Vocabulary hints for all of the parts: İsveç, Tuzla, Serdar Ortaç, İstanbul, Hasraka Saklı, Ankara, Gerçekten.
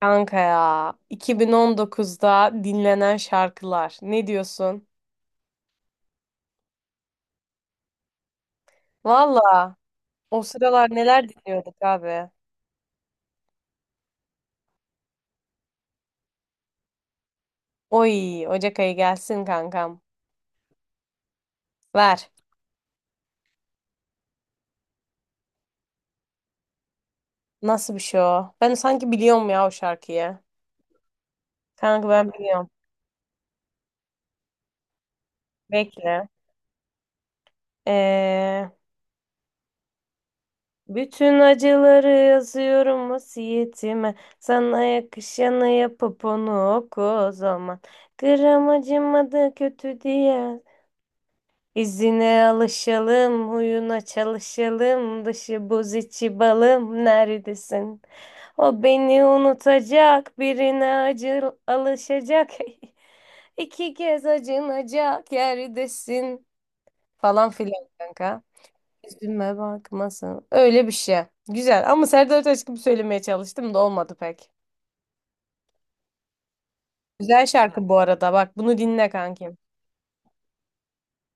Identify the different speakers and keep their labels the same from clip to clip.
Speaker 1: Kanka ya 2019'da dinlenen şarkılar ne diyorsun? Valla o sıralar neler dinliyorduk abi. Oy Ocak ayı gelsin kankam. Ver. Nasıl bir şey o? Ben sanki biliyorum ya o şarkıyı. Kanka ben biliyorum. Bekle. Ee, Bütün acıları yazıyorum vasiyetime. Sana yakışanı yapıp onu oku o zaman. Gram acımadı kötü diye. İzine alışalım, huyuna çalışalım, dışı buz içi balım neredesin? O beni unutacak, birine acı alışacak, iki kez acınacak yerdesin falan filan kanka. Üzülme bakmasın. Öyle bir şey. Güzel ama Serdar Ortaç gibi söylemeye çalıştım da olmadı pek. Güzel şarkı bu arada bak bunu dinle kankim.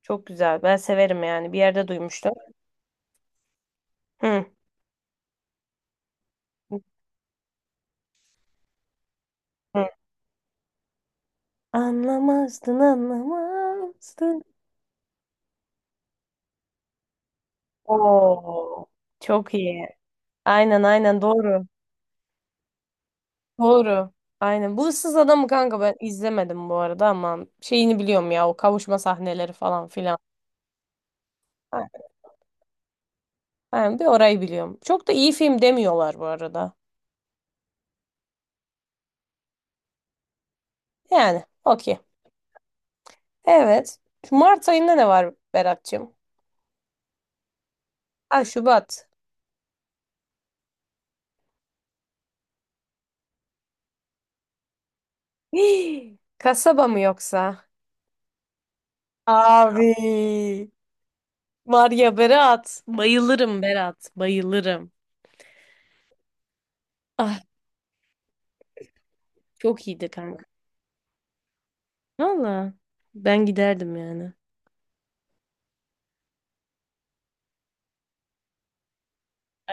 Speaker 1: Çok güzel ben severim yani bir yerde duymuştum. Hı. Hı. Anlamazdın, anlamazdın. Oo, çok iyi. Aynen aynen doğru. Doğru. Aynen. Bu ıssız adamı kanka ben izlemedim bu arada ama şeyini biliyorum ya o kavuşma sahneleri falan filan. Aynen. Aynen, bir orayı biliyorum. Çok da iyi film demiyorlar bu arada. Yani okey. Evet. Şu Mart ayında ne var Berat'cığım? Ha Şubat. Hii, kasaba mı yoksa? Abi. Var ya Berat. Bayılırım Berat. Bayılırım. Ah çok iyiydi kanka. Valla ben giderdim yani.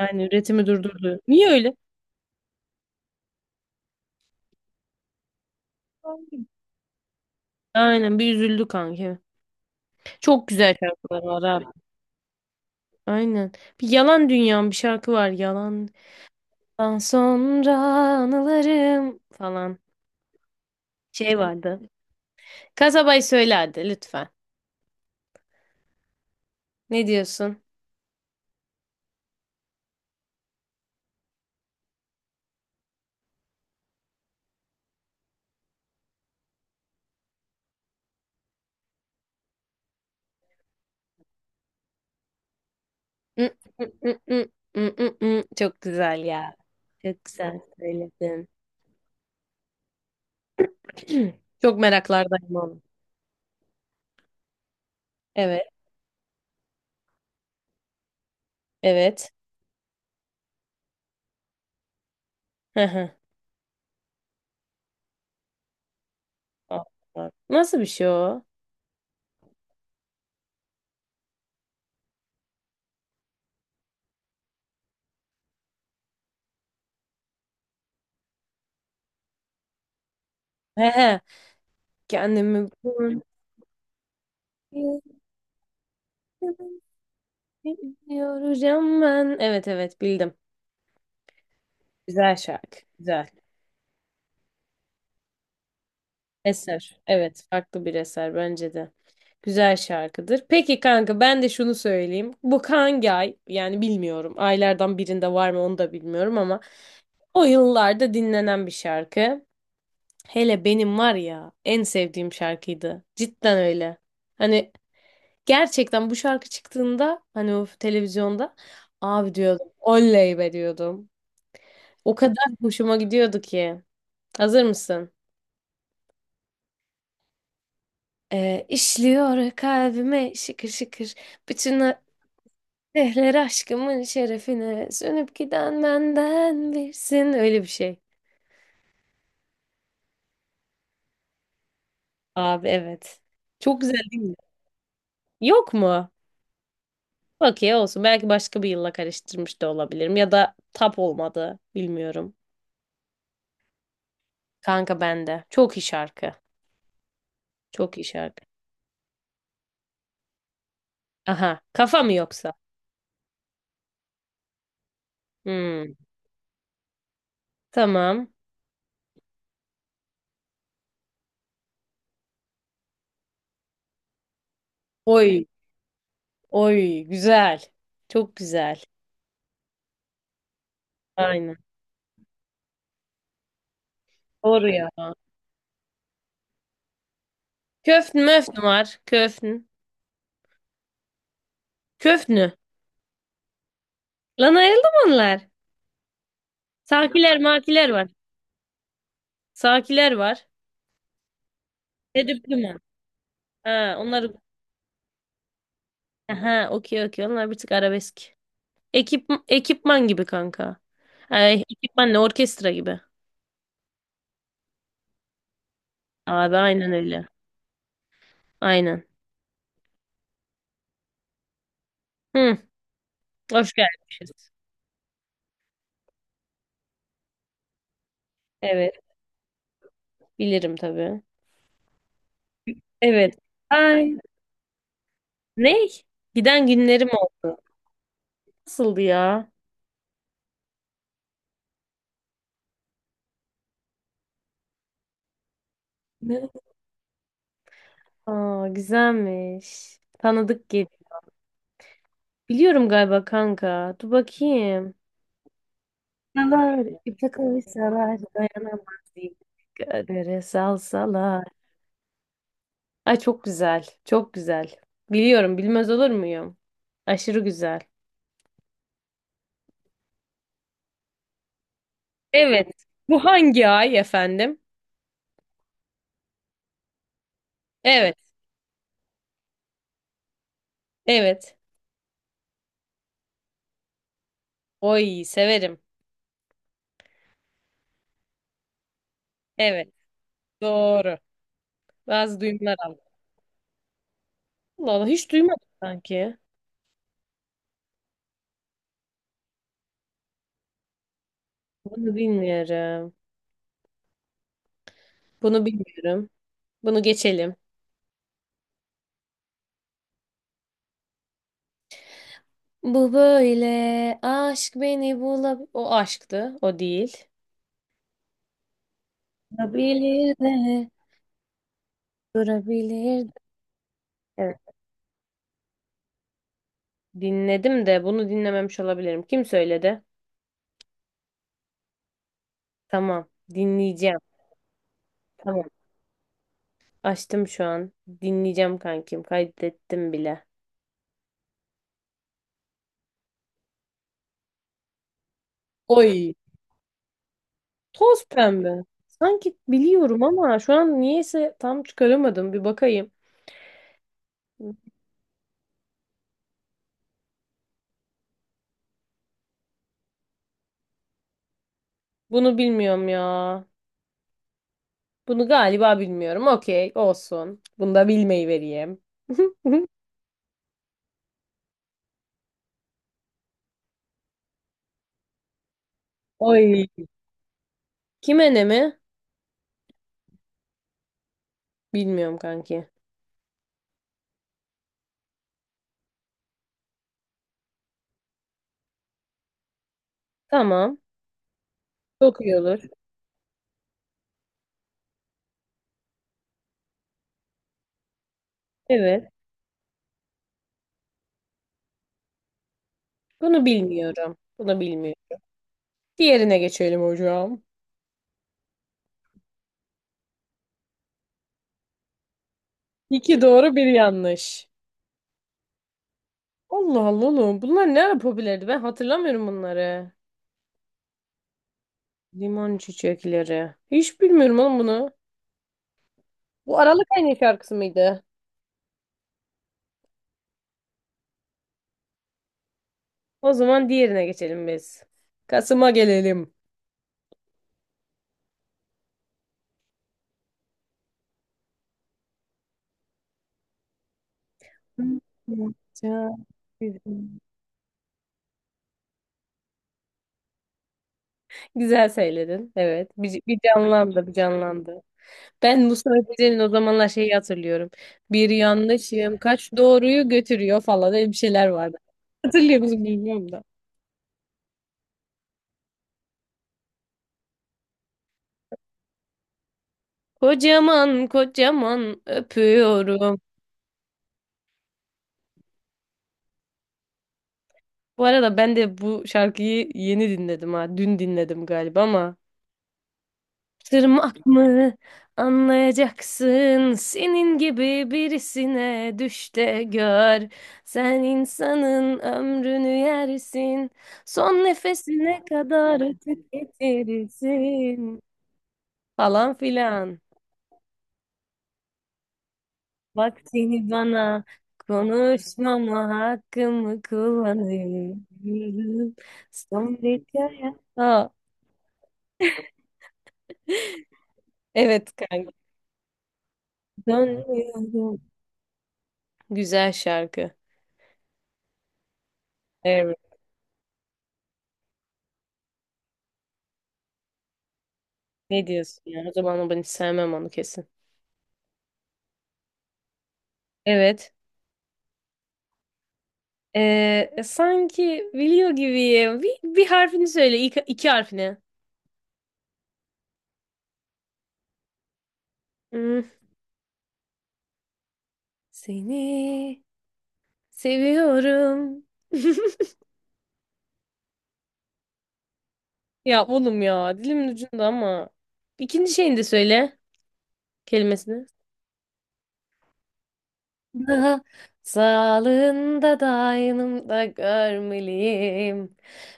Speaker 1: Yani üretimi durdurdu. Niye öyle? Aynen bir üzüldü kanka. Çok güzel şarkılar var abi. Aynen. Bir Yalan Dünyam bir şarkı var. Yalandan sonra anılarım falan. Şey vardı. Kasabayı söyle hadi lütfen. Ne diyorsun? Hı, hı, hı, hı, hı, hı, hı. Çok güzel ya. Çok güzel söyledin. Çok meraklardayım oğlum. Evet. Evet. Allah. Nasıl bir şey o? He he. Kendimi yoracağım ben. Evet evet bildim. Güzel şarkı. Güzel. Eser. Evet farklı bir eser bence de. Güzel şarkıdır. Peki kanka ben de şunu söyleyeyim. Bu hangi ay? Yani bilmiyorum. Aylardan birinde var mı onu da bilmiyorum ama o yıllarda dinlenen bir şarkı. Hele benim var ya en sevdiğim şarkıydı. Cidden öyle. Hani gerçekten bu şarkı çıktığında hani o televizyonda abi diyordum. Oley be diyordum. O kadar hoşuma gidiyordu ki. Hazır mısın? İşliyor kalbime şıkır şıkır. Bütün dehler aşkımın şerefine sönüp giden benden birsin. Öyle bir şey. Abi evet. Çok güzel değil mi? Yok mu? Okey olsun. Belki başka bir yılla karıştırmış da olabilirim. Ya da tap olmadı. Bilmiyorum. Kanka bende. Çok iyi şarkı. Çok iyi şarkı. Aha. Kafa mı yoksa? Hmm. Tamam. Oy. Oy. Güzel. Çok güzel. Aynen. Doğru ya. Köfn möfn var. Köfn. Köfnü. Lan ayrıldı mı onlar? Sakiler makiler var. Sakiler var. Tedbir ha onları. Aha okey okey. Onlar bir tık arabesk. Ekip, ekipman gibi kanka. Ay, ekipman ne orkestra gibi. Abi aynen öyle. Aynen. Hı, hoş gelmişiz. Evet. Bilirim tabii. Evet. Ay, ne? Giden günlerim oldu. Nasıldı ya? Ne? Aa, güzelmiş. Tanıdık gibi. Biliyorum galiba kanka. Dur bakayım. Salar, ipe kavuşsalar, dayanamaz diye. Kadere salsalar. Ay çok güzel. Çok güzel. Biliyorum, bilmez olur muyum? Aşırı güzel. Evet. Bu hangi ay efendim? Evet. Evet. Oy severim. Evet. Doğru. Bazı duyumlar aldım. Allah Allah hiç duymadım sanki. Bunu bilmiyorum. Bunu bilmiyorum. Bunu geçelim. Bu böyle aşk beni bulab... O aşktı. O değil. Bulabilir de. Durabilir de. Evet. Dinledim de bunu dinlememiş olabilirim. Kim söyledi? Tamam. Dinleyeceğim. Tamam. Açtım şu an. Dinleyeceğim kankim. Kaydettim bile. Oy. Toz pembe. Sanki biliyorum ama şu an niyeyse tam çıkaramadım. Bir bakayım. Bunu bilmiyorum ya. Bunu galiba bilmiyorum. Okey, olsun. Bunu da bilmeyi vereyim. Oy. Kime ne mi? Bilmiyorum kanki. Tamam. Çok iyi olur. Evet. Bunu bilmiyorum. Bunu bilmiyorum. Diğerine geçelim hocam. İki doğru bir yanlış. Allah Allah oğlum. Bunlar ne ara popülerdi? Ben hatırlamıyorum bunları. Limon çiçekleri. Hiç bilmiyorum oğlum bunu. Bu Aralık ayının şarkısı mıydı? O zaman diğerine geçelim biz. Kasım'a gelelim. Hmm. Ya güzel güzel söyledin. Evet. Bir, bir canlandı, bir canlandı. Ben Mustafa Kemal'in o zamanlar şeyi hatırlıyorum. Bir yanlışım kaç doğruyu götürüyor falan öyle bir şeyler vardı. Hatırlıyor musun bilmiyorum da. Kocaman kocaman öpüyorum. Bu arada ben de bu şarkıyı yeni dinledim ha. Dün dinledim galiba ama tırmak mı anlayacaksın senin gibi birisine düş de gör. Sen insanın ömrünü yersin son nefesine kadar tüketirsin falan filan. Vaktini bana konuşmama hakkımı kullanıyorum. Son bir kere. Aa, evet kanka. Dönüyorum. Güzel şarkı. Evet. Ne diyorsun ya? O zaman ama ben hiç sevmem onu kesin. Evet. Sanki biliyor gibiyim. Bir, bir harfini söyle. İki, iki harfini. Hmm. Seni seviyorum. Ya oğlum ya. Dilimin ucunda ama. İkinci şeyini de söyle. Kelimesini. Daha sağlığında da aynımda görmeliyim.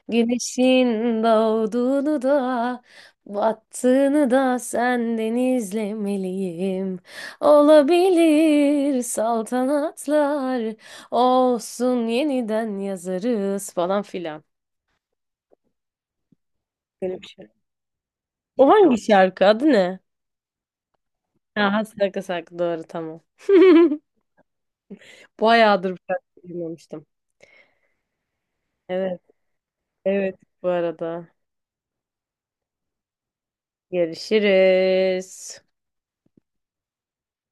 Speaker 1: Güneşin doğduğunu da battığını da senden izlemeliyim. Olabilir saltanatlar olsun yeniden yazarız falan filan. Böyle bir şey. O hangi şarkı? Adı ne? Ha, Hasraka Saklı doğru tamam. Bayağıdır bu şarkıyı duymamıştım. Evet, evet bu arada. Görüşürüz.